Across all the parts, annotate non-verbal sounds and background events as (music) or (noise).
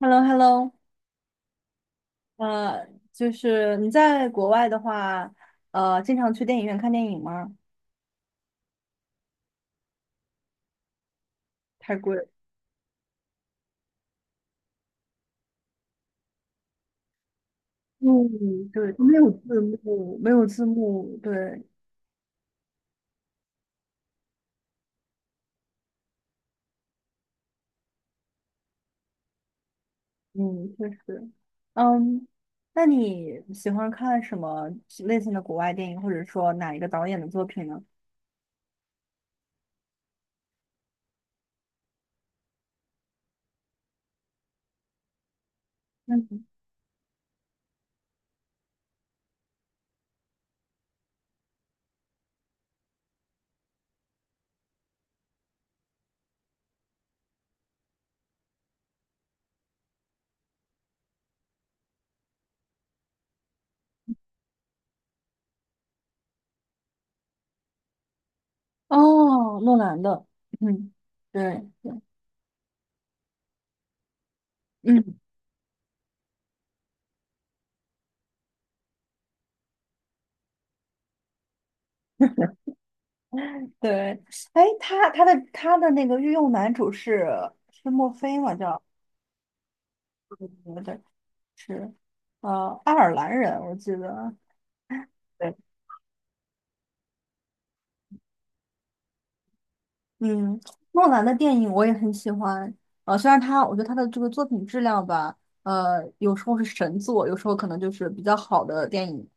Hello，Hello，呃，就是你在国外的话，经常去电影院看电影吗？太贵了。嗯，对，没有字幕，没有字幕，对，嗯，确实，嗯，那你喜欢看什么类型的国外电影，或者说哪一个导演的作品呢？嗯，哦，诺兰的，嗯，对，对嗯，(laughs) 对，哎，他的那个御用男主是墨菲嘛？叫。对。是，爱尔兰人，我记得，对，嗯，诺兰的电影我也很喜欢，虽然他，我觉得他的这个作品质量吧，有时候是神作，有时候可能就是比较好的电影，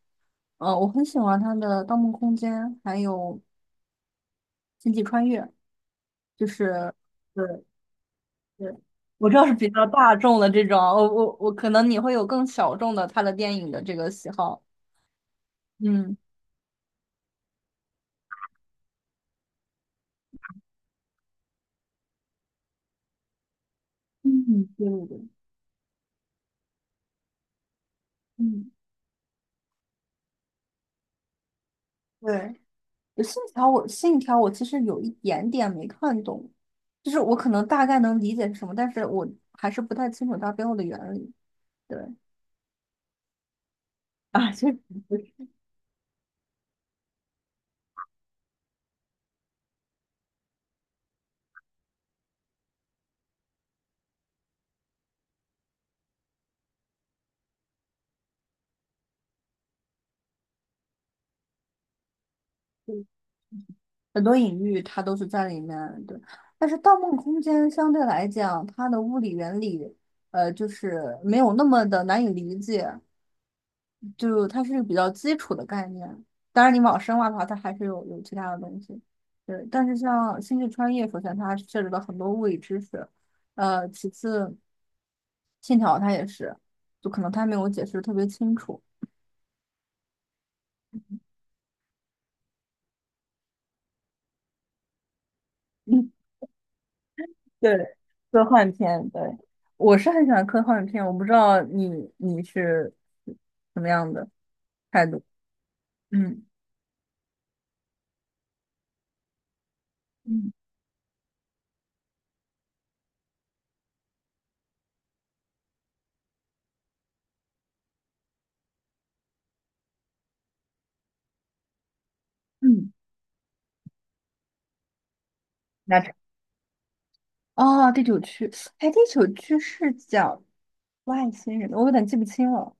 我很喜欢他的《盗梦空间》，还有《星际穿越》，就是，对对，我知道是比较大众的这种，我可能你会有更小众的他的电影的这个喜好，嗯嗯，对对对，嗯，对。信条我其实有一点点没看懂，就是我可能大概能理解是什么，但是我还是不太清楚它背后的原理。对啊，就是很多隐喻它都是在里面。对，但是《盗梦空间》相对来讲，它的物理原理，就是没有那么的难以理解，就它是比较基础的概念。当然，你往深挖的话，它还是有其他的东西。对，但是像《星际穿越》，首先它涉及到很多物理知识，其次。信条它也是，就可能它没有解释特别清楚。嗯，对，科幻片，对，我是很喜欢科幻片，我不知道你是什么样的态度。嗯嗯嗯，那这哦，第九区，哎，第九区是讲外星人的，我有点记不清了。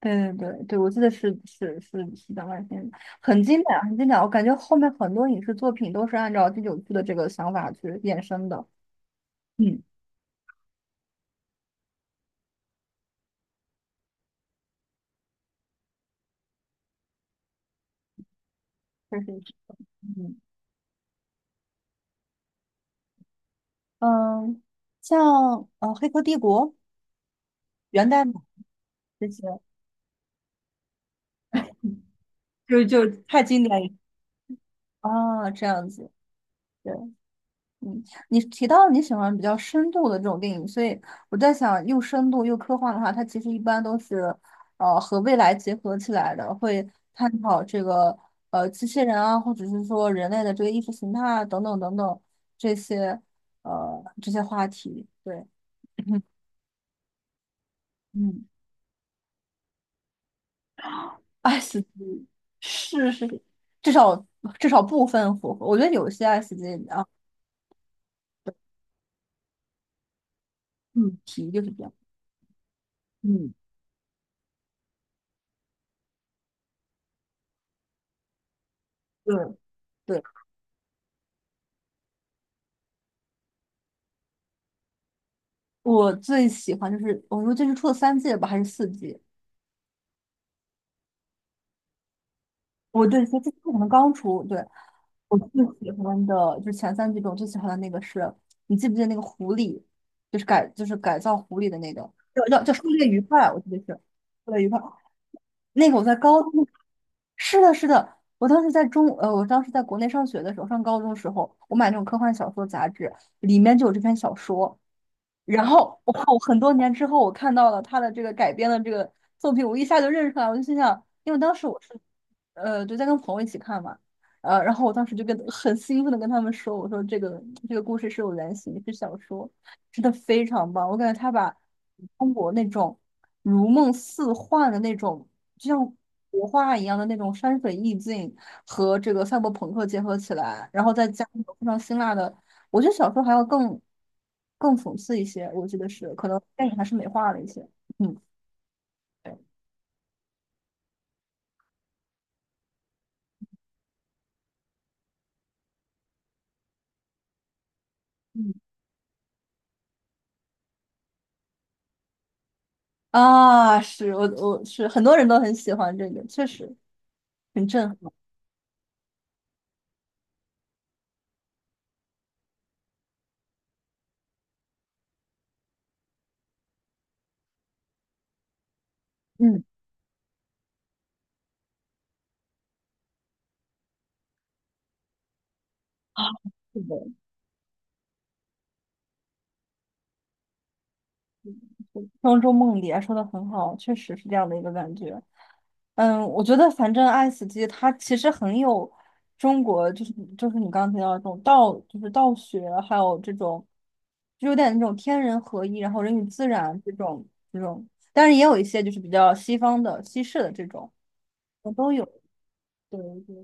对对对对，我记得是讲外星人很经典，很经典。我感觉后面很多影视作品都是按照第九区的这个想法去衍生的。嗯，确实是嗯。嗯，像《黑客帝国》元代嘛这些就太经典了啊，这样子。对，嗯，你提到你喜欢比较深度的这种电影，所以我在想，又深度又科幻的话，它其实一般都是和未来结合起来的，会探讨这个机器人啊，或者是说人类的这个意识形态啊，等等等等这些这些话题。对，(laughs) (clears throat) 嗯。s 级是至少至少部分符合。我觉得有些 s 级啊，嗯，题就是这样。嗯，对对，我最喜欢就是，我说这是出了三季了吧，还是四季？我对，这可能刚出。对，我最喜欢的就是前三季中最喜欢的那个是，你记不记得那个狐狸，就是就是改造狐狸的那个，叫狩猎愉快，我记得是狩猎愉快。那个我在高中，是的，是的，我当时在国内上学的时候，上高中的时候，我买那种科幻小说杂志，里面就有这篇小说，然后哇，我很多年之后我看到了他的这个改编的这个作品，我一下就认出来，我就心想，因为当时我是就在跟朋友一起看嘛，然后我当时就跟很兴奋的跟他们说，我说这个故事是有原型，是小说，真的非常棒，我感觉他把中国那种如梦似幻的那种，就像国画一样的那种山水意境和这个赛博朋克结合起来，然后再加上非常辛辣的。我觉得小说还要更讽刺一些，我记得是，可能电影还是美化了一些。嗯嗯啊，是我是很多人都很喜欢这个，确实很震撼。嗯，啊，是的。庄周梦蝶说的很好，确实是这样的一个感觉。嗯，我觉得反正爱死机它其实很有中国，就是你刚刚提到的这种道，就是道学，还有这种就有点那种天人合一，然后人与自然这种，但是也有一些就是比较西方的西式的这种，我都有。对对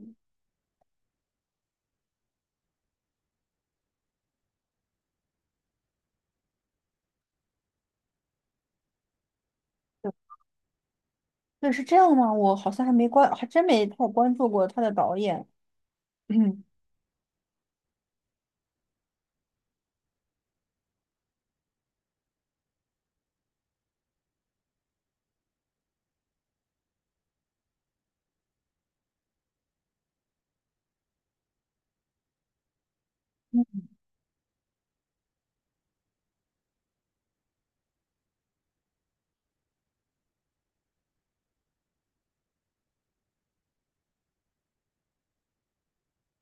对，对是这样吗？我好像还没关，还真没太关注过他的导演。(clears throat) 嗯，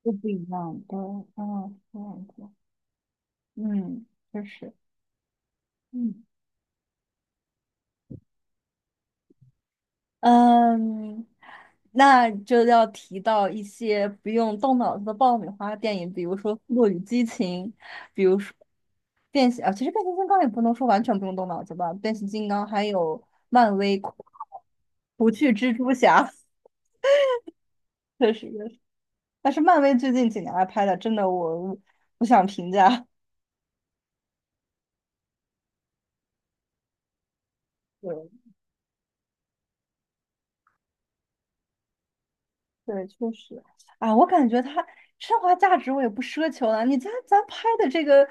都不一样，对，嗯，这样子。嗯，确实，嗯嗯，那就要提到一些不用动脑子的爆米花电影，比如说《落雨激情》，比如说变形啊，其实变形金刚也不能说完全不用动脑子吧，变形金刚还有漫威《哭不去蜘蛛侠》，确实，也是，但是漫威最近几年来拍的，真的我不想评价。对对，确实，啊，我感觉它升华价值我也不奢求了。你咱拍的这个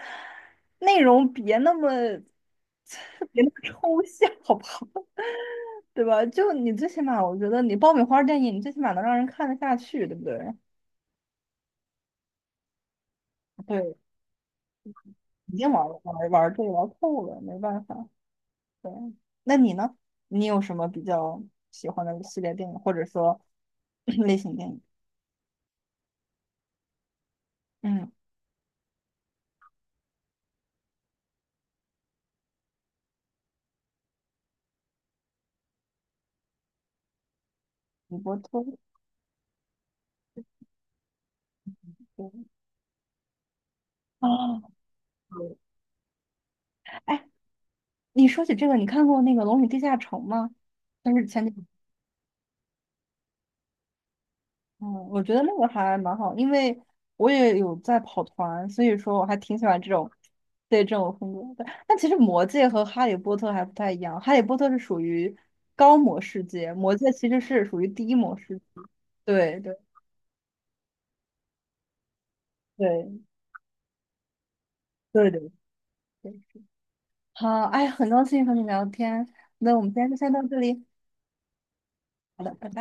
内容别那么 (laughs) 别那么抽象，好不好？(laughs) 对吧？就你最起码，我觉得你爆米花电影，你最起码能让人看得下去，对不对？对，已经玩儿这个玩透了，没办法。对，那你呢？你有什么比较喜欢的系列电影，或者说 (clears throat) 类型电影？嗯，《哈利波特》对啊。对哎，你说起这个，你看过那个《龙与地下城》吗？但是前几，嗯，我觉得那个还蛮好，因为我也有在跑团，所以说我还挺喜欢这种，对这种风格的。但其实《魔戒》和《哈利波特》还不太一样，《哈利波特》是属于高模世界，《魔戒》其实是属于低模世界。对对对对对对，好，哎，很高兴和你聊天，那我们今天就先到这里，好的，拜拜。